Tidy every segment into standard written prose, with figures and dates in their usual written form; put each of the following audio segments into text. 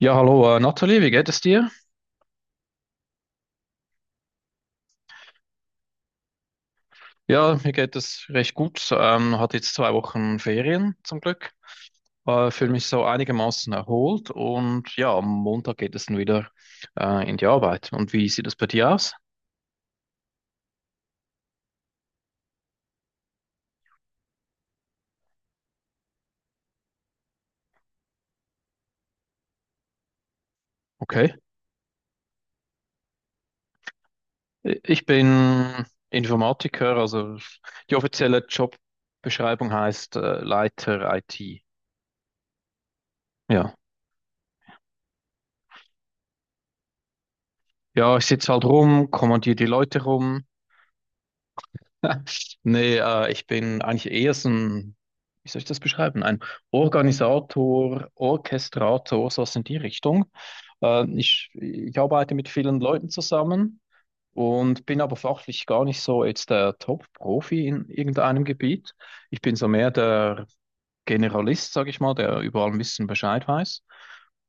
Ja, hallo, Nathalie, wie geht es dir? Ja, mir geht es recht gut. Hatte jetzt zwei Wochen Ferien zum Glück. Fühle mich so einigermaßen erholt und ja, am Montag geht es dann wieder in die Arbeit. Und wie sieht es bei dir aus? Okay. Ich bin Informatiker, also die offizielle Jobbeschreibung heißt Leiter IT. Ja. Ja, ich sitze halt rum, kommandiere die Leute rum, nee, ich bin eigentlich eher so ein, wie soll ich das beschreiben? Ein Organisator, Orchestrator, sowas in die Richtung. Ich arbeite mit vielen Leuten zusammen und bin aber fachlich gar nicht so jetzt der Top-Profi in irgendeinem Gebiet. Ich bin so mehr der Generalist, sage ich mal, der überall ein bisschen Bescheid weiß.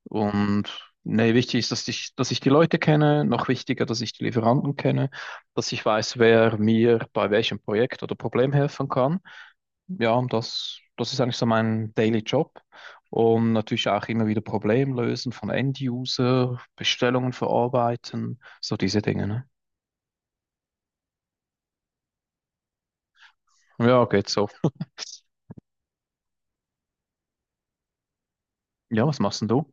Und nee, wichtig ist, dass ich die Leute kenne, noch wichtiger, dass ich die Lieferanten kenne, dass ich weiß, wer mir bei welchem Projekt oder Problem helfen kann. Ja, und das ist eigentlich so mein Daily Job. Und natürlich auch immer wieder Problemlösen von End-User, Bestellungen verarbeiten, so diese Dinge, ne? Ja, geht so. Ja, was machst denn du?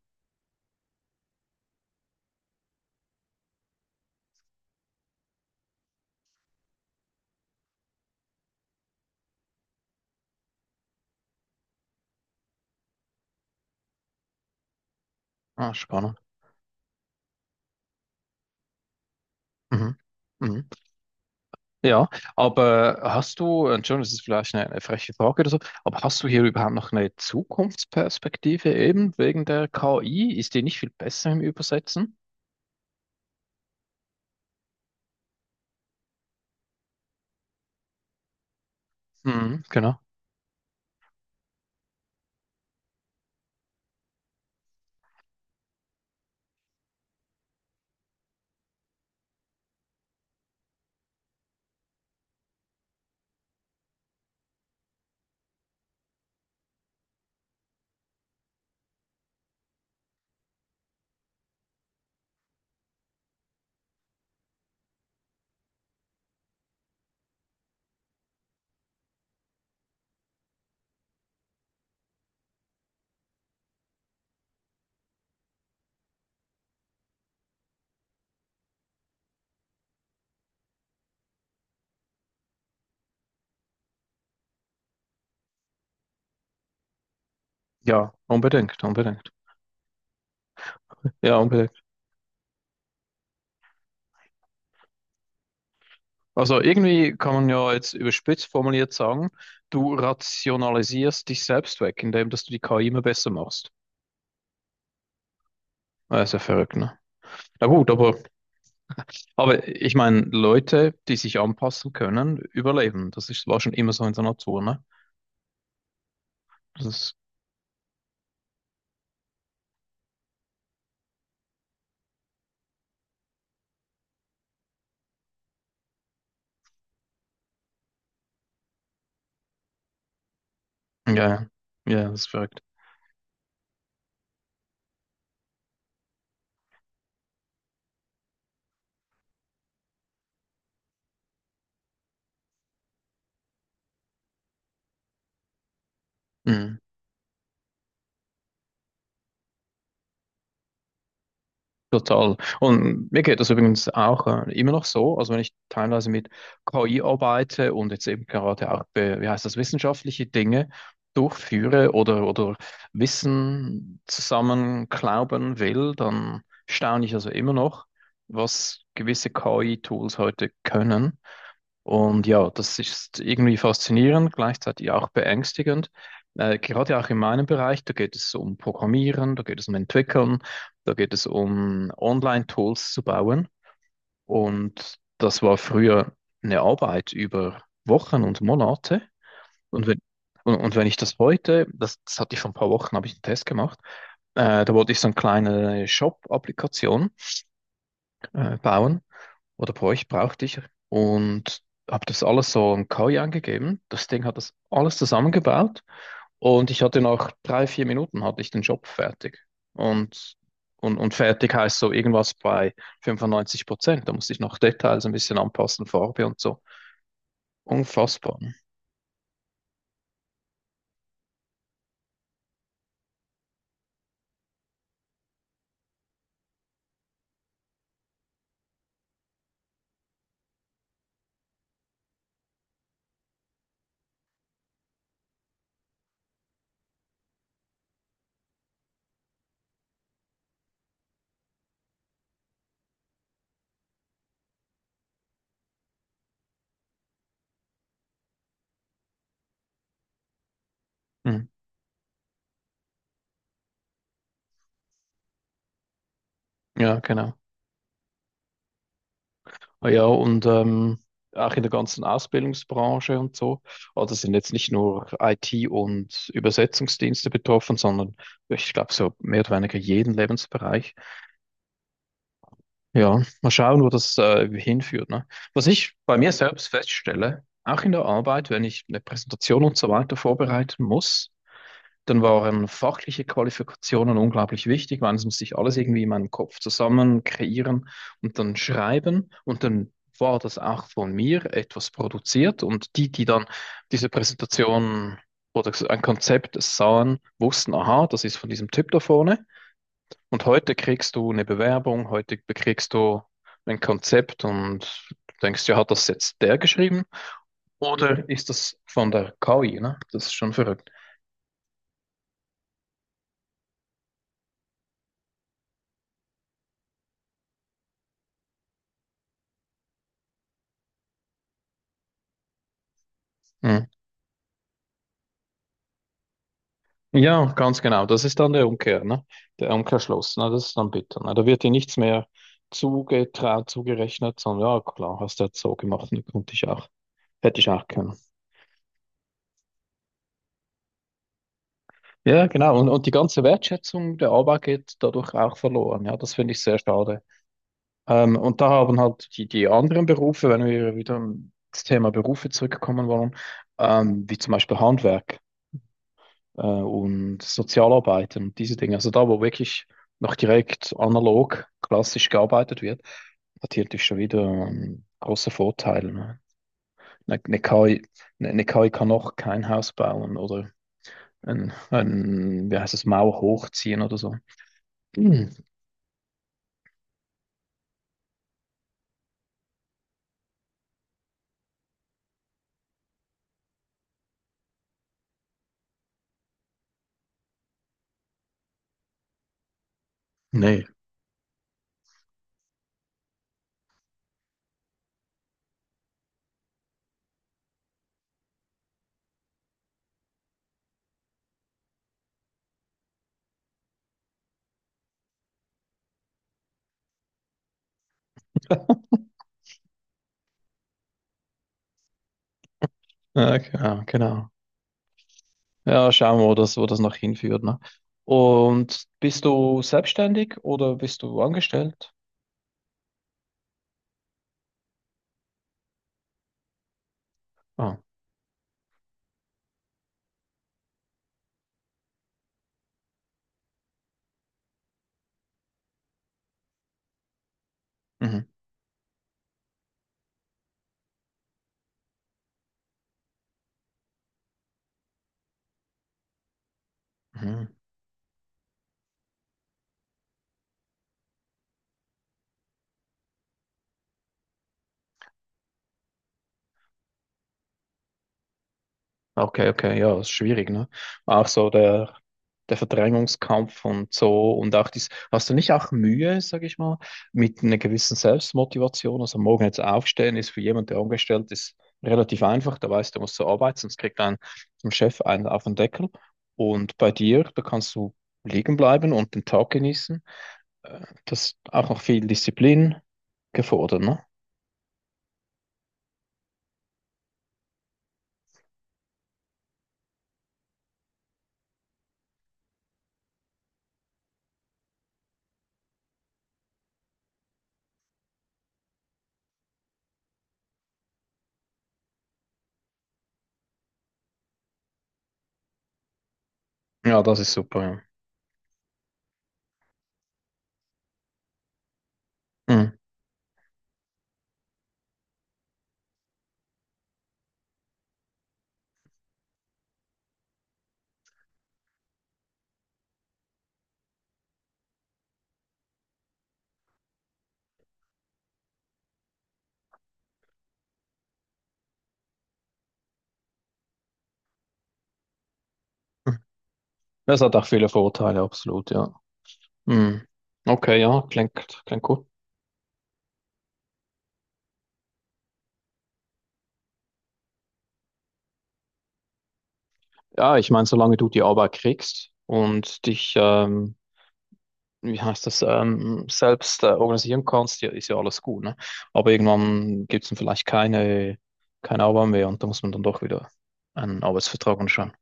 Ah, spannend. Mhm. Mhm. Ja, aber hast du, Entschuldigung, das ist vielleicht eine freche Frage oder so, aber hast du hier überhaupt noch eine Zukunftsperspektive eben wegen der KI? Ist die nicht viel besser im Übersetzen? Mhm, genau. Ja, unbedingt, unbedingt. Ja, unbedingt. Also irgendwie kann man ja jetzt überspitzt formuliert sagen, du rationalisierst dich selbst weg, indem dass du die KI immer besser machst. Das ist ja verrückt, ne? Na gut, aber ich meine, Leute, die sich anpassen können, überleben. Das ist, war schon immer so in der Natur, ne? Das ja, ja, ja, das ist verrückt. Mhm. Total. Und mir geht das übrigens auch immer noch so. Also wenn ich teilweise mit KI arbeite und jetzt eben gerade auch, wie heißt das, wissenschaftliche Dinge durchführe oder Wissen zusammenklauben will, dann staune ich also immer noch, was gewisse KI-Tools heute können. Und ja, das ist irgendwie faszinierend, gleichzeitig auch beängstigend. Gerade auch in meinem Bereich, da geht es um Programmieren, da geht es um Entwickeln, da geht es um Online-Tools zu bauen. Und das war früher eine Arbeit über Wochen und Monate. Und wenn, und wenn ich das heute, das hatte ich vor ein paar Wochen, habe ich einen Test gemacht, da wollte ich so eine kleine Shop-Applikation bauen oder bei euch brauchte ich und habe das alles so in KI angegeben. Das Ding hat das alles zusammengebaut und ich hatte nach drei, vier Minuten hatte ich den Job fertig. Und, und fertig heißt so irgendwas bei 95%. Da musste ich noch Details ein bisschen anpassen, Farbe und so. Unfassbar. Hm. Ja, genau. Ah ja, und auch in der ganzen Ausbildungsbranche und so. Also sind jetzt nicht nur IT und Übersetzungsdienste betroffen, sondern ich glaube so mehr oder weniger jeden Lebensbereich. Ja, mal schauen, wo das hinführt, ne? Was ich bei mir selbst feststelle, auch in der Arbeit, wenn ich eine Präsentation und so weiter vorbereiten muss, dann waren fachliche Qualifikationen unglaublich wichtig, weil es musste ich alles irgendwie in meinem Kopf zusammen kreieren und dann schreiben. Und dann war das auch von mir etwas produziert. Und die dann diese Präsentation oder so ein Konzept sahen, wussten, aha, das ist von diesem Typ da vorne. Und heute kriegst du eine Bewerbung, heute bekriegst du ein Konzept und denkst, ja, hat das jetzt der geschrieben? Oder ist das von der KI? Ne? Das ist schon verrückt. Mhm. Ja, ganz genau. Das ist dann der Umkehr, ne? Der Umkehrschluss, ne? Das ist dann bitter, ne? Da wird dir nichts mehr zugetraut, zugerechnet, sondern ja, klar, hast du jetzt so gemacht, ne? Konnte ich auch, hätte ich auch können. Ja, genau. Und die ganze Wertschätzung der Arbeit geht dadurch auch verloren. Ja, das finde ich sehr schade. Und da haben halt die anderen Berufe, wenn wir wieder ins Thema Berufe zurückkommen wollen, wie zum Beispiel Handwerk. Und Sozialarbeitern und diese Dinge. Also da, wo wirklich noch direkt analog, klassisch gearbeitet wird, hat hier natürlich schon wieder große Vorteile. Ne? Eine, eine KI, eine, eine KI kann noch kein Haus bauen oder ein wie heißt es, Mauer hochziehen oder so. Hm, nee. Ja, genau, genau. Ja, schauen wir, wo das noch hinführt. Ne? Und bist du selbstständig oder bist du angestellt? Ah, mhm. Mhm. Okay, okay, ja, ist schwierig, ne? Auch so der, der Verdrängungskampf und so und auch dies. Hast du nicht auch Mühe, sag ich mal, mit einer gewissen Selbstmotivation? Also morgen jetzt aufstehen ist für jemanden, der angestellt ist, relativ einfach. Der weiß, der muss zur Arbeit, sonst kriegt ein vom Chef einen auf den Deckel. Und bei dir, da kannst du liegen bleiben und den Tag genießen. Äh, Das ist auch noch viel Disziplin gefordert, ne? Ja, das ist super, ja. Mhm. Das hat auch viele Vorteile, absolut, ja. Hm. Okay, ja, klingt, klingt gut. Ja, ich meine, solange du die Arbeit kriegst und dich, wie heißt das, selbst organisieren kannst, ja, ist ja alles gut, ne? Aber irgendwann gibt es dann vielleicht keine, keine Arbeit mehr und da muss man dann doch wieder einen Arbeitsvertrag anschauen.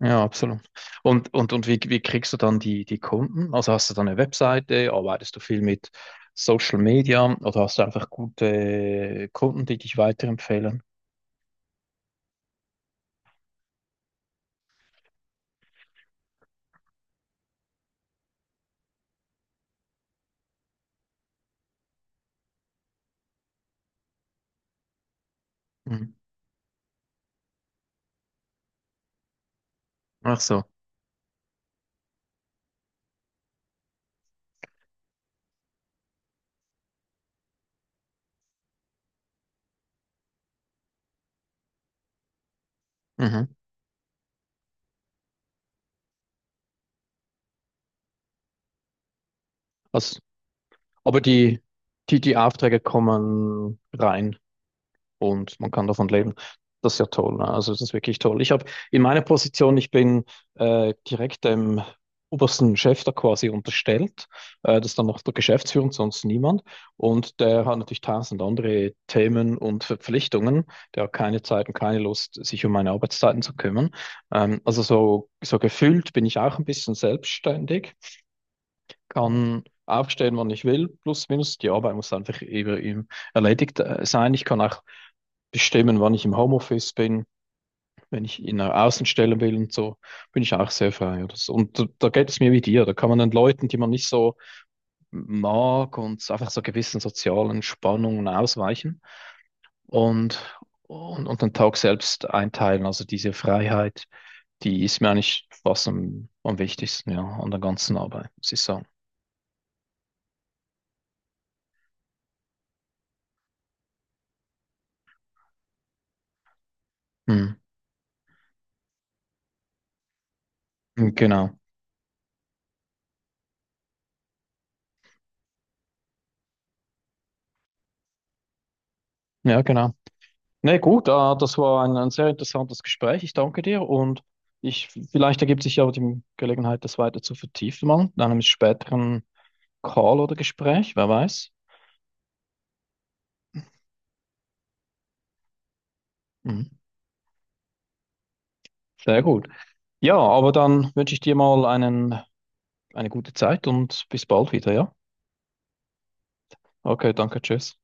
Ja, absolut. Und wie kriegst du dann die Kunden? Also hast du dann eine Webseite, arbeitest du viel mit Social Media oder hast du einfach gute Kunden, die dich weiterempfehlen? Mhm. Ach so. Mhm. Was, aber die Aufträge kommen rein und man kann davon leben. Das ist ja toll. Ne? Also das ist wirklich toll. Ich habe in meiner Position, ich bin direkt dem obersten Chef da quasi unterstellt. Das ist dann noch der Geschäftsführer und sonst niemand. Und der hat natürlich tausend andere Themen und Verpflichtungen. Der hat keine Zeit und keine Lust, sich um meine Arbeitszeiten zu kümmern. Also so, so gefühlt bin ich auch ein bisschen selbstständig, kann aufstehen, wann ich will, plus minus. Die Arbeit muss einfach eben erledigt sein. Ich kann auch bestimmen, wann ich im Homeoffice bin, wenn ich in einer Außenstelle will und so, bin ich auch sehr frei. Oder so. Und da, da geht es mir wie dir. Da kann man den Leuten, die man nicht so mag und einfach so gewissen sozialen Spannungen ausweichen und, und den Tag selbst einteilen. Also diese Freiheit, die ist mir eigentlich fast am wichtigsten, ja, an der ganzen Arbeit, muss ich sagen. Hm. Genau. Ja, genau. Nee, gut, das war ein sehr interessantes Gespräch. Ich danke dir und ich, vielleicht ergibt sich ja die Gelegenheit, das weiter zu vertiefen, mal in einem späteren Call oder Gespräch, wer weiß. Mhm. Sehr gut. Ja, aber dann wünsche ich dir mal einen, eine gute Zeit und bis bald wieder, ja? Okay, danke, tschüss.